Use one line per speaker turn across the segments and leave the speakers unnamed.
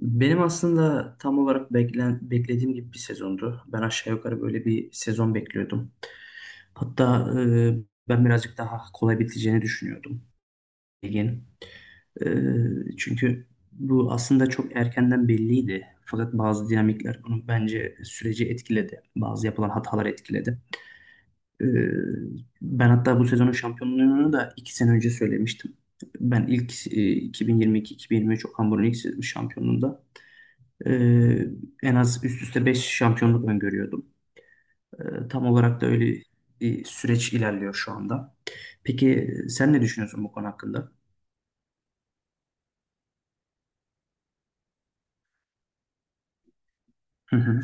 Benim aslında tam olarak beklediğim gibi bir sezondu. Ben aşağı yukarı böyle bir sezon bekliyordum. Hatta ben birazcık daha kolay biteceğini düşünüyordum ligin. E, Çünkü bu aslında çok erkenden belliydi. Fakat bazı dinamikler bunu bence süreci etkiledi. Bazı yapılan hatalar etkiledi. E, Ben hatta bu sezonun şampiyonluğunu da 2 sene önce söylemiştim. Ben ilk 2022-2023 Okan Buruk'un ilk şampiyonluğunda, Ee, en az üst üste 5 şampiyonluk öngörüyordum. Tam olarak da öyle bir süreç ilerliyor şu anda. Peki sen ne düşünüyorsun bu konu hakkında? Hı hı.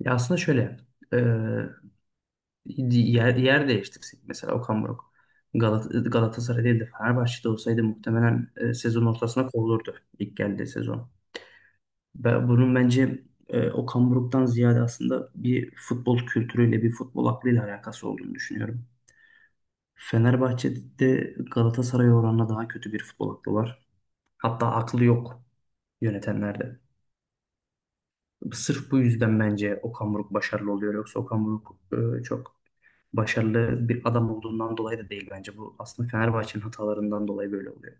Ya aslında şöyle, e, yer değiştirsek mesela Okan Buruk Galatasaray değil de Fenerbahçe'de olsaydı muhtemelen sezon ortasına kovulurdu ilk geldiği sezon. Bunun bence Okan Buruk'tan ziyade aslında bir futbol kültürüyle, bir futbol aklıyla alakası olduğunu düşünüyorum. Fenerbahçe'de Galatasaray oranına daha kötü bir futbol aklı var. Hatta aklı yok yönetenlerde. Sırf bu yüzden bence Okan Buruk başarılı oluyor. Yoksa Okan Buruk çok başarılı bir adam olduğundan dolayı da değil bence. Bu aslında Fenerbahçe'nin hatalarından dolayı böyle oluyor.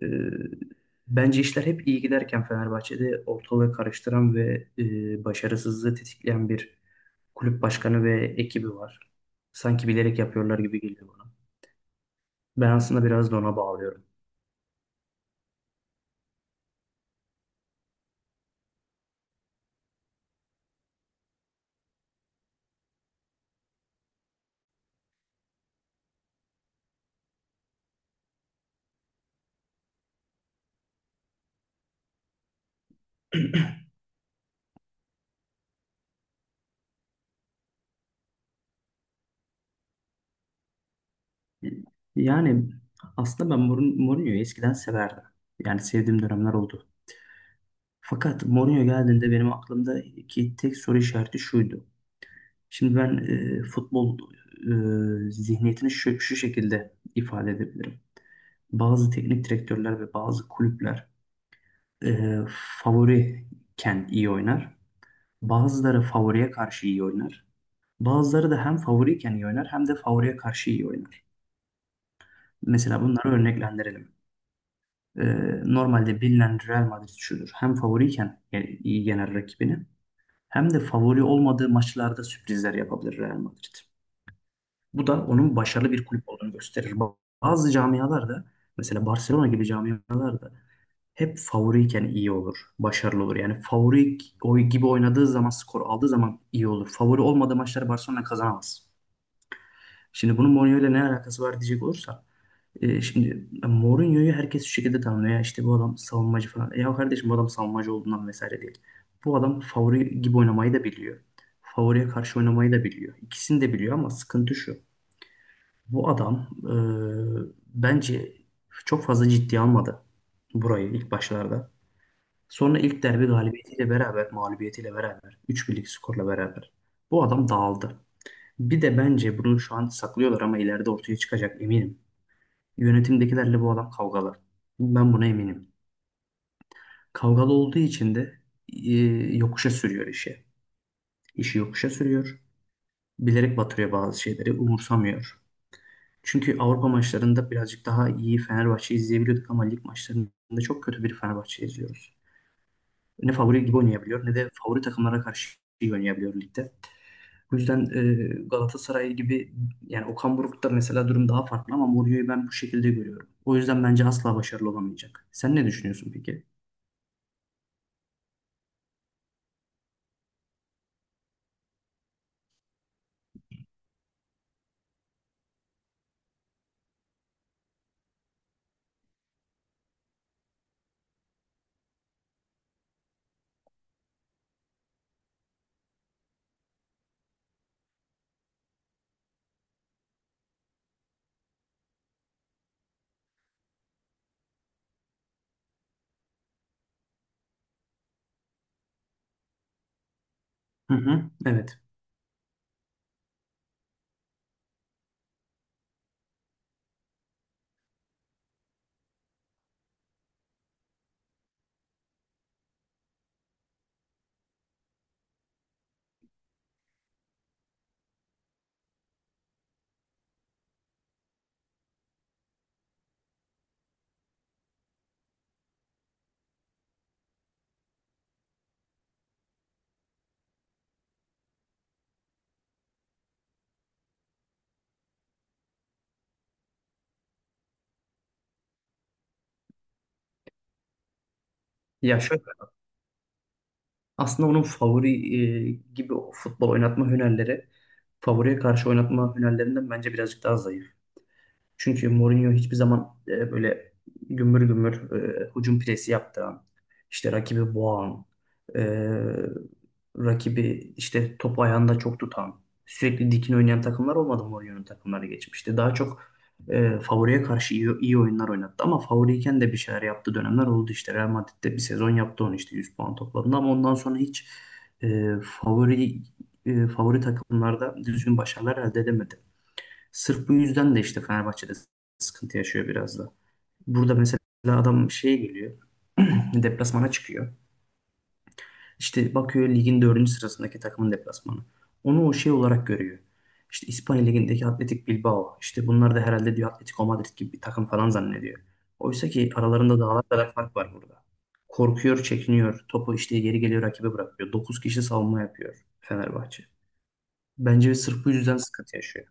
E, Bence işler hep iyi giderken Fenerbahçe'de ortalığı karıştıran ve başarısızlığı tetikleyen bir kulüp başkanı ve ekibi var. Sanki bilerek yapıyorlar gibi geliyor bana. Ben aslında biraz da ona bağlıyorum. Yani aslında ben Mourinho'yu eskiden severdim. Yani sevdiğim dönemler oldu. Fakat Mourinho geldiğinde benim aklımdaki tek soru işareti şuydu. Şimdi ben futbol zihniyetini şu şekilde ifade edebilirim. Bazı teknik direktörler ve bazı kulüpler e, favoriyken iyi oynar. Bazıları favoriye karşı iyi oynar. Bazıları da hem favoriyken iyi oynar hem de favoriye karşı iyi oynar. Mesela bunları örneklendirelim. E, Normalde bilinen Real Madrid şudur. Hem favoriyken yani iyi genel rakibini hem de favori olmadığı maçlarda sürprizler yapabilir Real Madrid. Bu da onun başarılı bir kulüp olduğunu gösterir. Bazı camialarda mesela Barcelona gibi camialarda hep favoriyken iyi olur, başarılı olur. Yani favori oy gibi oynadığı zaman, skor aldığı zaman iyi olur. Favori olmadığı maçları Barcelona kazanamaz. Şimdi bunun Mourinho ile ne alakası var diyecek olursa şimdi Mourinho'yu herkes şu şekilde tanımlıyor. Ya işte bu adam savunmacı falan. Ya kardeşim bu adam savunmacı olduğundan vesaire değil. Bu adam favori gibi oynamayı da biliyor. Favoriye karşı oynamayı da biliyor. İkisini de biliyor ama sıkıntı şu. Bu adam bence çok fazla ciddiye almadı burayı ilk başlarda. Sonra ilk derbi galibiyetiyle beraber, mağlubiyetiyle beraber, üç birlik skorla beraber bu adam dağıldı. Bir de bence bunu şu an saklıyorlar ama ileride ortaya çıkacak eminim. Yönetimdekilerle bu adam kavgalar. Ben buna eminim. Kavgalı olduğu için de e, yokuşa sürüyor işi. İşi yokuşa sürüyor. Bilerek batırıyor bazı şeyleri, umursamıyor. Çünkü Avrupa maçlarında birazcık daha iyi Fenerbahçe izleyebiliyorduk ama lig maçlarında çok kötü bir Fenerbahçe izliyoruz. Ne favori gibi oynayabiliyor ne de favori takımlara karşı iyi oynayabiliyor ligde. Bu yüzden Galatasaray gibi yani Okan Buruk'ta mesela durum daha farklı ama Mourinho'yu ben bu şekilde görüyorum. O yüzden bence asla başarılı olamayacak. Sen ne düşünüyorsun peki? Hı hı. Evet. Ya şöyle aslında onun favori gibi o futbol oynatma hünerleri favoriye karşı oynatma hünerlerinden bence birazcık daha zayıf. Çünkü Mourinho hiçbir zaman böyle gümbür gümbür hücum presi yaptıran, işte rakibi boğan, e, rakibi işte topu ayağında çok tutan, sürekli dikin oynayan takımlar olmadı Mourinho'nun takımları geçmişti. Daha çok favoriye karşı iyi oyunlar oynattı ama favoriyken de bir şeyler yaptığı dönemler oldu işte. Real Madrid'de bir sezon yaptı onu işte 100 puan topladığında ama ondan sonra hiç e, favori favori takımlarda düzgün başarılar elde edemedi. Sırf bu yüzden de işte Fenerbahçe'de sıkıntı yaşıyor biraz da. Burada mesela adam şeye geliyor. Deplasmana çıkıyor. İşte bakıyor ligin dördüncü sırasındaki takımın deplasmanı. Onu o şey olarak görüyor. İşte İspanya ligindeki Atletik Bilbao. İşte bunlar da herhalde diyor Atletico Madrid gibi bir takım falan zannediyor. Oysa ki aralarında dağlar kadar fark var burada. Korkuyor, çekiniyor. Topu işte geri geliyor rakibe bırakıyor. 9 kişi savunma yapıyor Fenerbahçe. Bence sırf bu yüzden sıkıntı yaşıyor.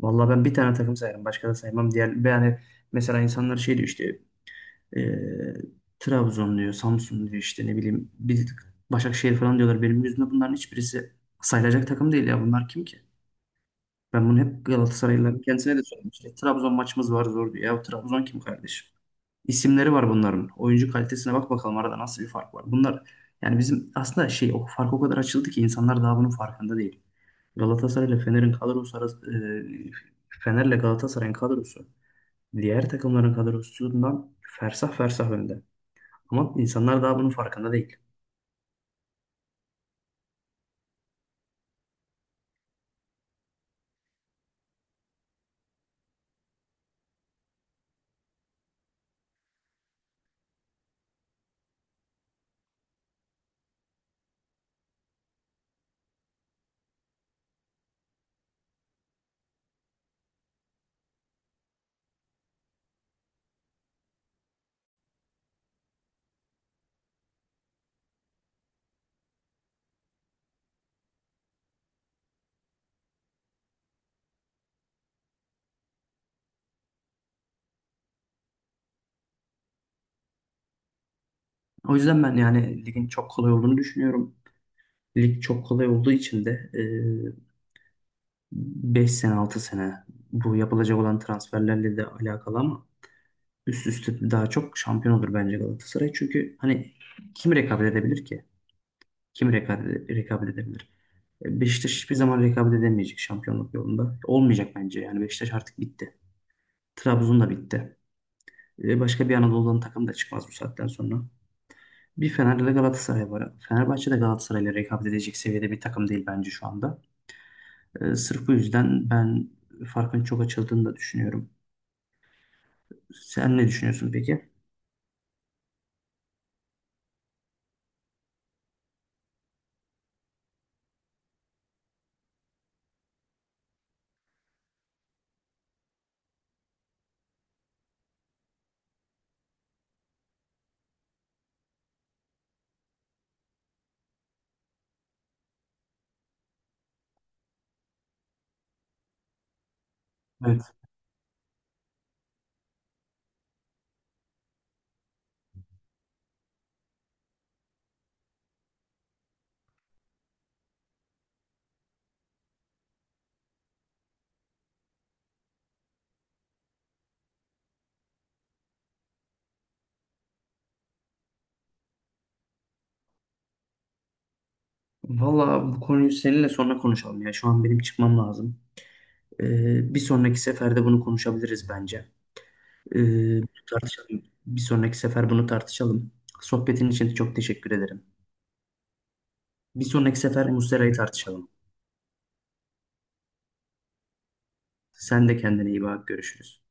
Vallahi ben bir tane takım sayarım. Başka da saymam. Diğer, yani mesela insanlar şey diyor işte e, Trabzon diyor, Samsun diyor işte ne bileyim bir Başakşehir falan diyorlar. Benim yüzümde bunların hiçbirisi sayılacak takım değil ya. Bunlar kim ki? Ben bunu hep Galatasaraylıların kendisine de söylemiştim. İşte Trabzon maçımız var zor diyor. Ya Trabzon kim kardeşim? İsimleri var bunların. Oyuncu kalitesine bak bakalım arada nasıl bir fark var. Bunlar yani bizim aslında şey o fark o kadar açıldı ki insanlar daha bunun farkında değil. Galatasaray ile Fener'in kadrosu arası, Fener'le Galatasaray'ın kadrosu diğer takımların kadrosundan fersah fersah önde. Ama insanlar daha bunun farkında değil. O yüzden ben yani ligin çok kolay olduğunu düşünüyorum. Lig çok kolay olduğu için de 5 sene 6 sene bu yapılacak olan transferlerle de alakalı ama üst üste daha çok şampiyon olur bence Galatasaray. Çünkü hani kim rekabet edebilir ki? Kim rekabet edebilir? Beşiktaş hiçbir zaman rekabet edemeyecek şampiyonluk yolunda. Olmayacak bence. Yani Beşiktaş artık bitti. Trabzon da bitti. Başka bir Anadolu'dan takım da çıkmaz bu saatten sonra. Bir Fener'de de Galatasaray var. Fenerbahçe de Galatasaray'la rekabet edecek seviyede bir takım değil bence şu anda. Sırf bu yüzden ben farkın çok açıldığını da düşünüyorum. Sen ne düşünüyorsun peki? Evet. Valla bu konuyu seninle sonra konuşalım ya. Şu an benim çıkmam lazım. Bir sonraki seferde bunu konuşabiliriz bence. Bunu tartışalım. Bir sonraki sefer bunu tartışalım. Sohbetin için çok teşekkür ederim. Bir sonraki sefer Muslera'yı tartışalım. Sen de kendine iyi bak. Görüşürüz.